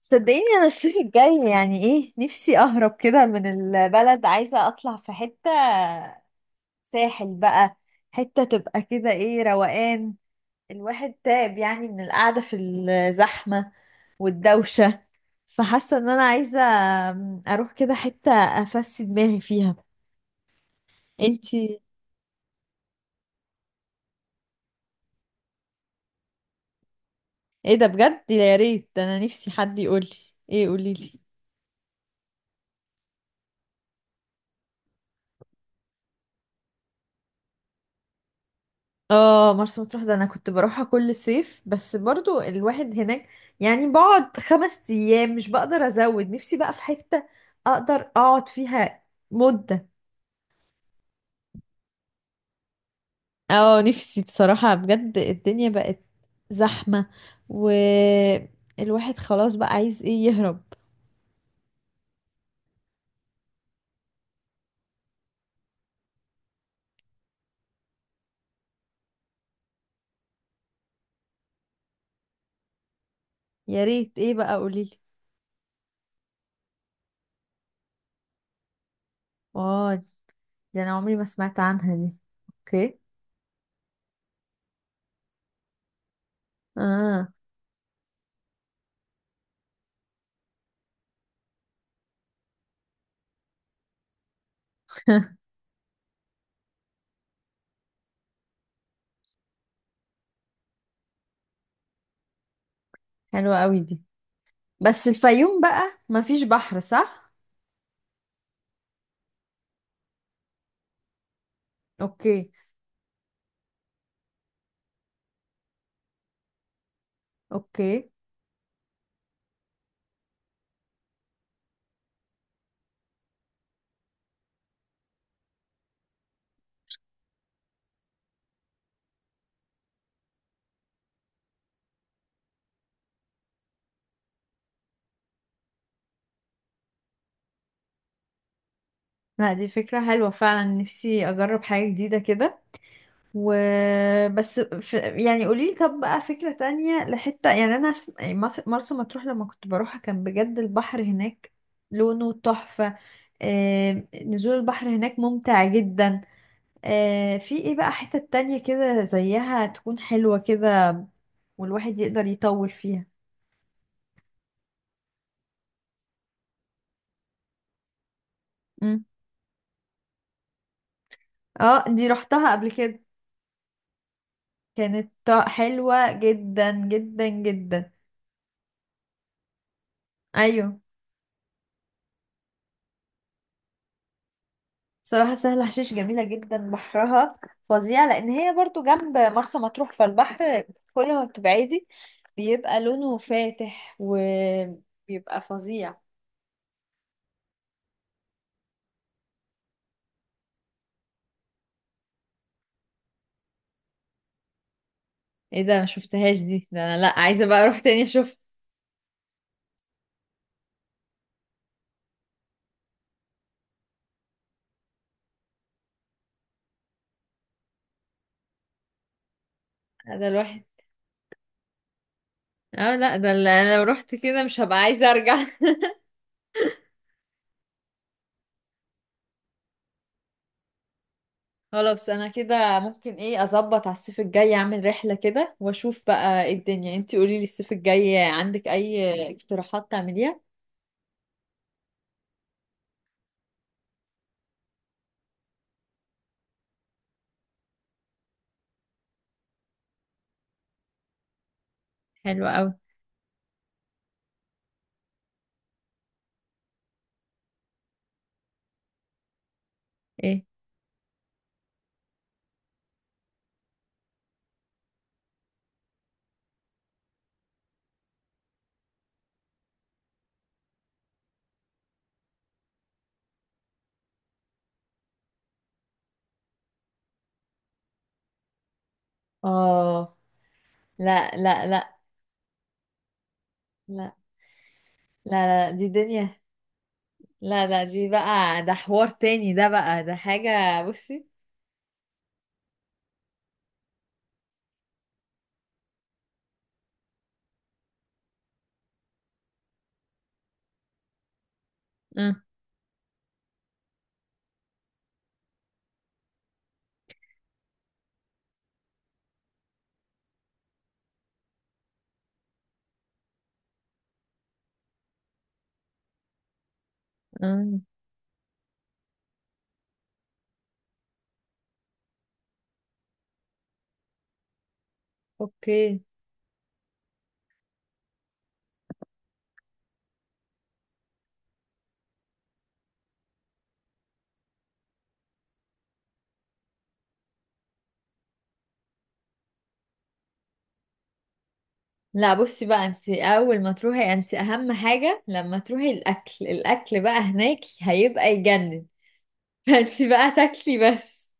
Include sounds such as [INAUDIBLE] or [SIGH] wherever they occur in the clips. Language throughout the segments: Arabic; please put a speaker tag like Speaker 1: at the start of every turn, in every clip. Speaker 1: صدقيني، انا الصيف الجاي يعني ايه. نفسي اهرب كده من البلد، عايزة اطلع في حتة ساحل بقى. حتة تبقى كده ايه، روقان. الواحد تعب يعني من القعدة في الزحمة والدوشة. فحاسة ان انا عايزة اروح كده حتة افسي دماغي فيها. انتي؟ ايه ده بجد، يا ريت. ده انا نفسي حد يقولي. ايه، قوليلي. اه، مرسى مطروح. ده انا كنت بروحها كل صيف، بس برضو الواحد هناك يعني بقعد 5 ايام. مش بقدر ازود نفسي بقى في حتة اقدر اقعد فيها مدة. اه، نفسي بصراحة بجد. الدنيا بقت زحمة، والواحد خلاص بقى عايز ايه، يهرب. يا ريت، ايه بقى، قوليلي. اه، دي انا عمري ما سمعت عنها دي. اوكي. اه. [LAUGHS] حلوة قوي دي. بس الفيوم بقى مفيش بحر، صح؟ اوكي. اوكي. لا، دي فكرة حلوة فعلا، نفسي أجرب حاجة جديدة كده. و يعني قوليلي، طب بقى فكرة تانية لحتة. يعني أنا مرسى مطروح لما كنت بروحها كان بجد البحر هناك لونه تحفة. نزول البحر هناك ممتع جدا. في ايه بقى حتة تانية كده زيها تكون حلوة كده والواحد يقدر يطول فيها. مم. اه، دي رحتها قبل كده، كانت حلوة جدا جدا جدا. ايوه. صراحة سهل حشيش جميلة جدا، بحرها فظيع، لأن هي برضو جنب مرسى مطروح. فالبحر كل ما بتبعدي بيبقى لونه فاتح وبيبقى فظيع. ايه ده، ما شفتهاش دي. ده انا لا، عايزه بقى اروح تاني اشوف. ده الواحد اه، لا، ده اللي انا لو رحت كده مش هبقى عايزه ارجع. [LAUGHS] خلاص، انا كده ممكن ايه، اظبط على الصيف الجاي، اعمل رحله كده واشوف بقى ايه الدنيا. انتي قولي لي، الصيف الجاي عندك اي اقتراحات تعمليها؟ حلوة قوي. ايه؟ اه. لا، لا، لا، لا، لا، لا. دي دنيا. لا، لا، دي بقى، ده حوار تاني، ده بقى ده حاجة. بصي. اه، اه. اوكي. لا، بصي بقى. انت اول ما تروحي، انت اهم حاجة لما تروحي الاكل. الاكل بقى هناك هيبقى يجنن. [LAUGHS] فانت بقى تاكلي بس.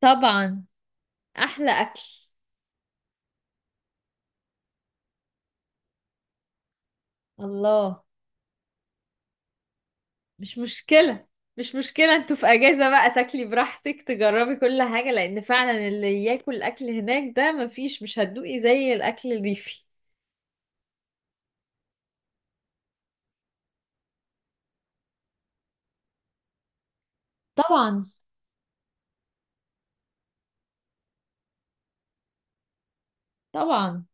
Speaker 1: طبعا. احلى اكل. الله. مش مشكلة، مش مشكلة. انتوا في اجازة بقى، تاكلي براحتك، تجربي كل حاجة. لان فعلا اللي ياكل اكل هناك، ده مفيش، مش هتدوقي زي الاكل الريفي. طبعا. طبعا.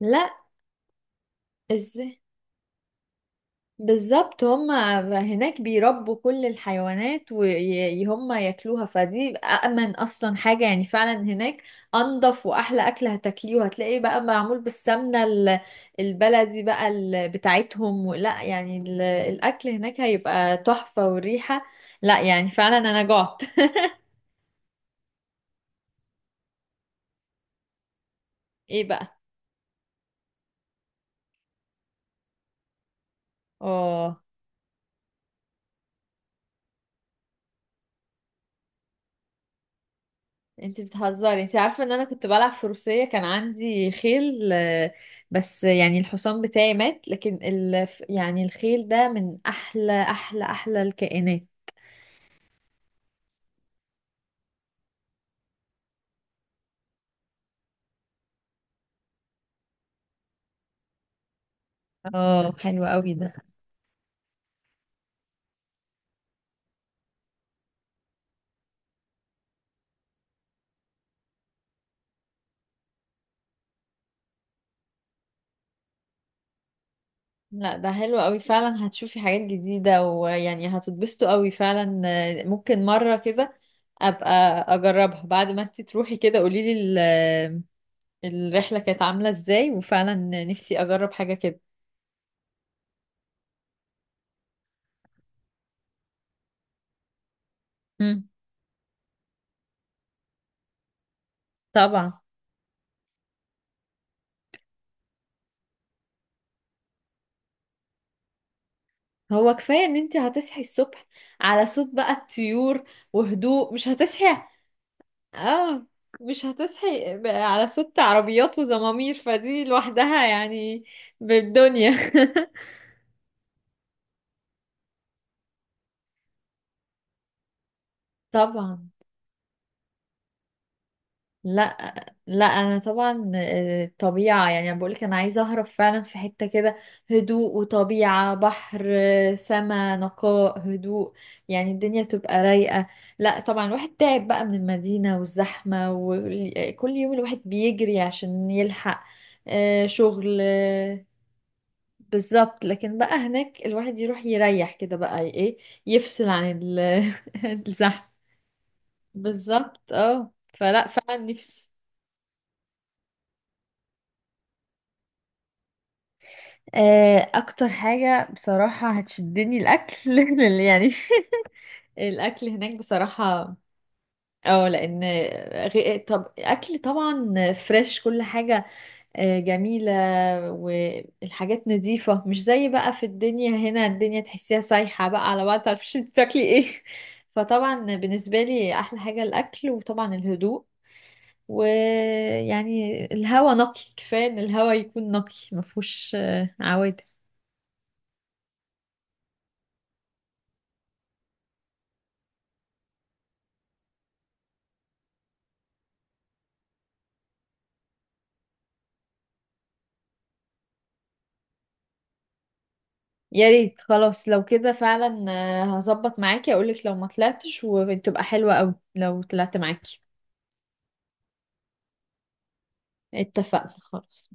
Speaker 1: لا، ازاي. بالظبط، هم هناك بيربوا كل الحيوانات وهم ياكلوها. فدي أأمن أصلا حاجة يعني فعلا هناك. أنضف وأحلى أكل هتاكليه، وهتلاقيه بقى معمول بالسمنة البلدي بقى بتاعتهم. لا يعني الأكل هناك هيبقى تحفة. والريحة، لا يعني فعلا أنا جعت. [LAUGHS] إيه بقى؟ اه، انت بتهزري؟ انت عارفه ان انا كنت بلعب فروسيه، كان عندي خيل. بس يعني الحصان بتاعي مات، لكن يعني الخيل ده من احلى احلى احلى الكائنات. اه، حلو قوي ده. لا، ده حلو قوي فعلا، هتشوفي حاجات جديده ويعني هتتبسطوا قوي فعلا. ممكن مره كده ابقى اجربها. بعد ما انت تروحي كده قولي لي الرحله كانت عامله ازاي. وفعلا نفسي اجرب حاجه كده. مم، طبعا. هو كفاية ان انت هتصحي الصبح على صوت بقى الطيور وهدوء، مش هتصحي؟ اه، مش هتصحي على صوت عربيات وزمامير. فدي لوحدها يعني بالدنيا. [LAUGHS] طبعا. لا، لا، انا طبعا طبيعة. يعني انا بقولك انا عايزة اهرب فعلا في حتة كده، هدوء وطبيعة، بحر سما، نقاء، هدوء. يعني الدنيا تبقى رايقة. لا طبعا، الواحد تعب بقى من المدينة والزحمة، وكل يوم الواحد بيجري عشان يلحق شغل. بالظبط. لكن بقى هناك الواحد يروح يريح كده بقى ايه، يفصل عن [LAUGHS] الزحمة. بالظبط، اه، فلا فعلا نفسي. اكتر حاجة بصراحة هتشدني الاكل. [LAUGHS] لأن يعني الاكل هناك بصراحة. اه، لان طب اكل طبعا فريش كل حاجة. جميلة. والحاجات نظيفة مش زي بقى في الدنيا هنا، الدنيا تحسيها سايحة بقى على بعض، متعرفيش انت تاكلي ايه. [LAUGHS] فطبعا بالنسبة لي احلى حاجة الاكل، وطبعا الهدوء. ويعني الهوا نقي، كفاية ان الهوا يكون نقي مفهوش عوادم. يا ريت. خلاص، لو كده فعلا هظبط معاكي. اقولك لو ما طلعتش وتبقى حلوة اوي لو طلعت معاكي. اتفقنا خلاص.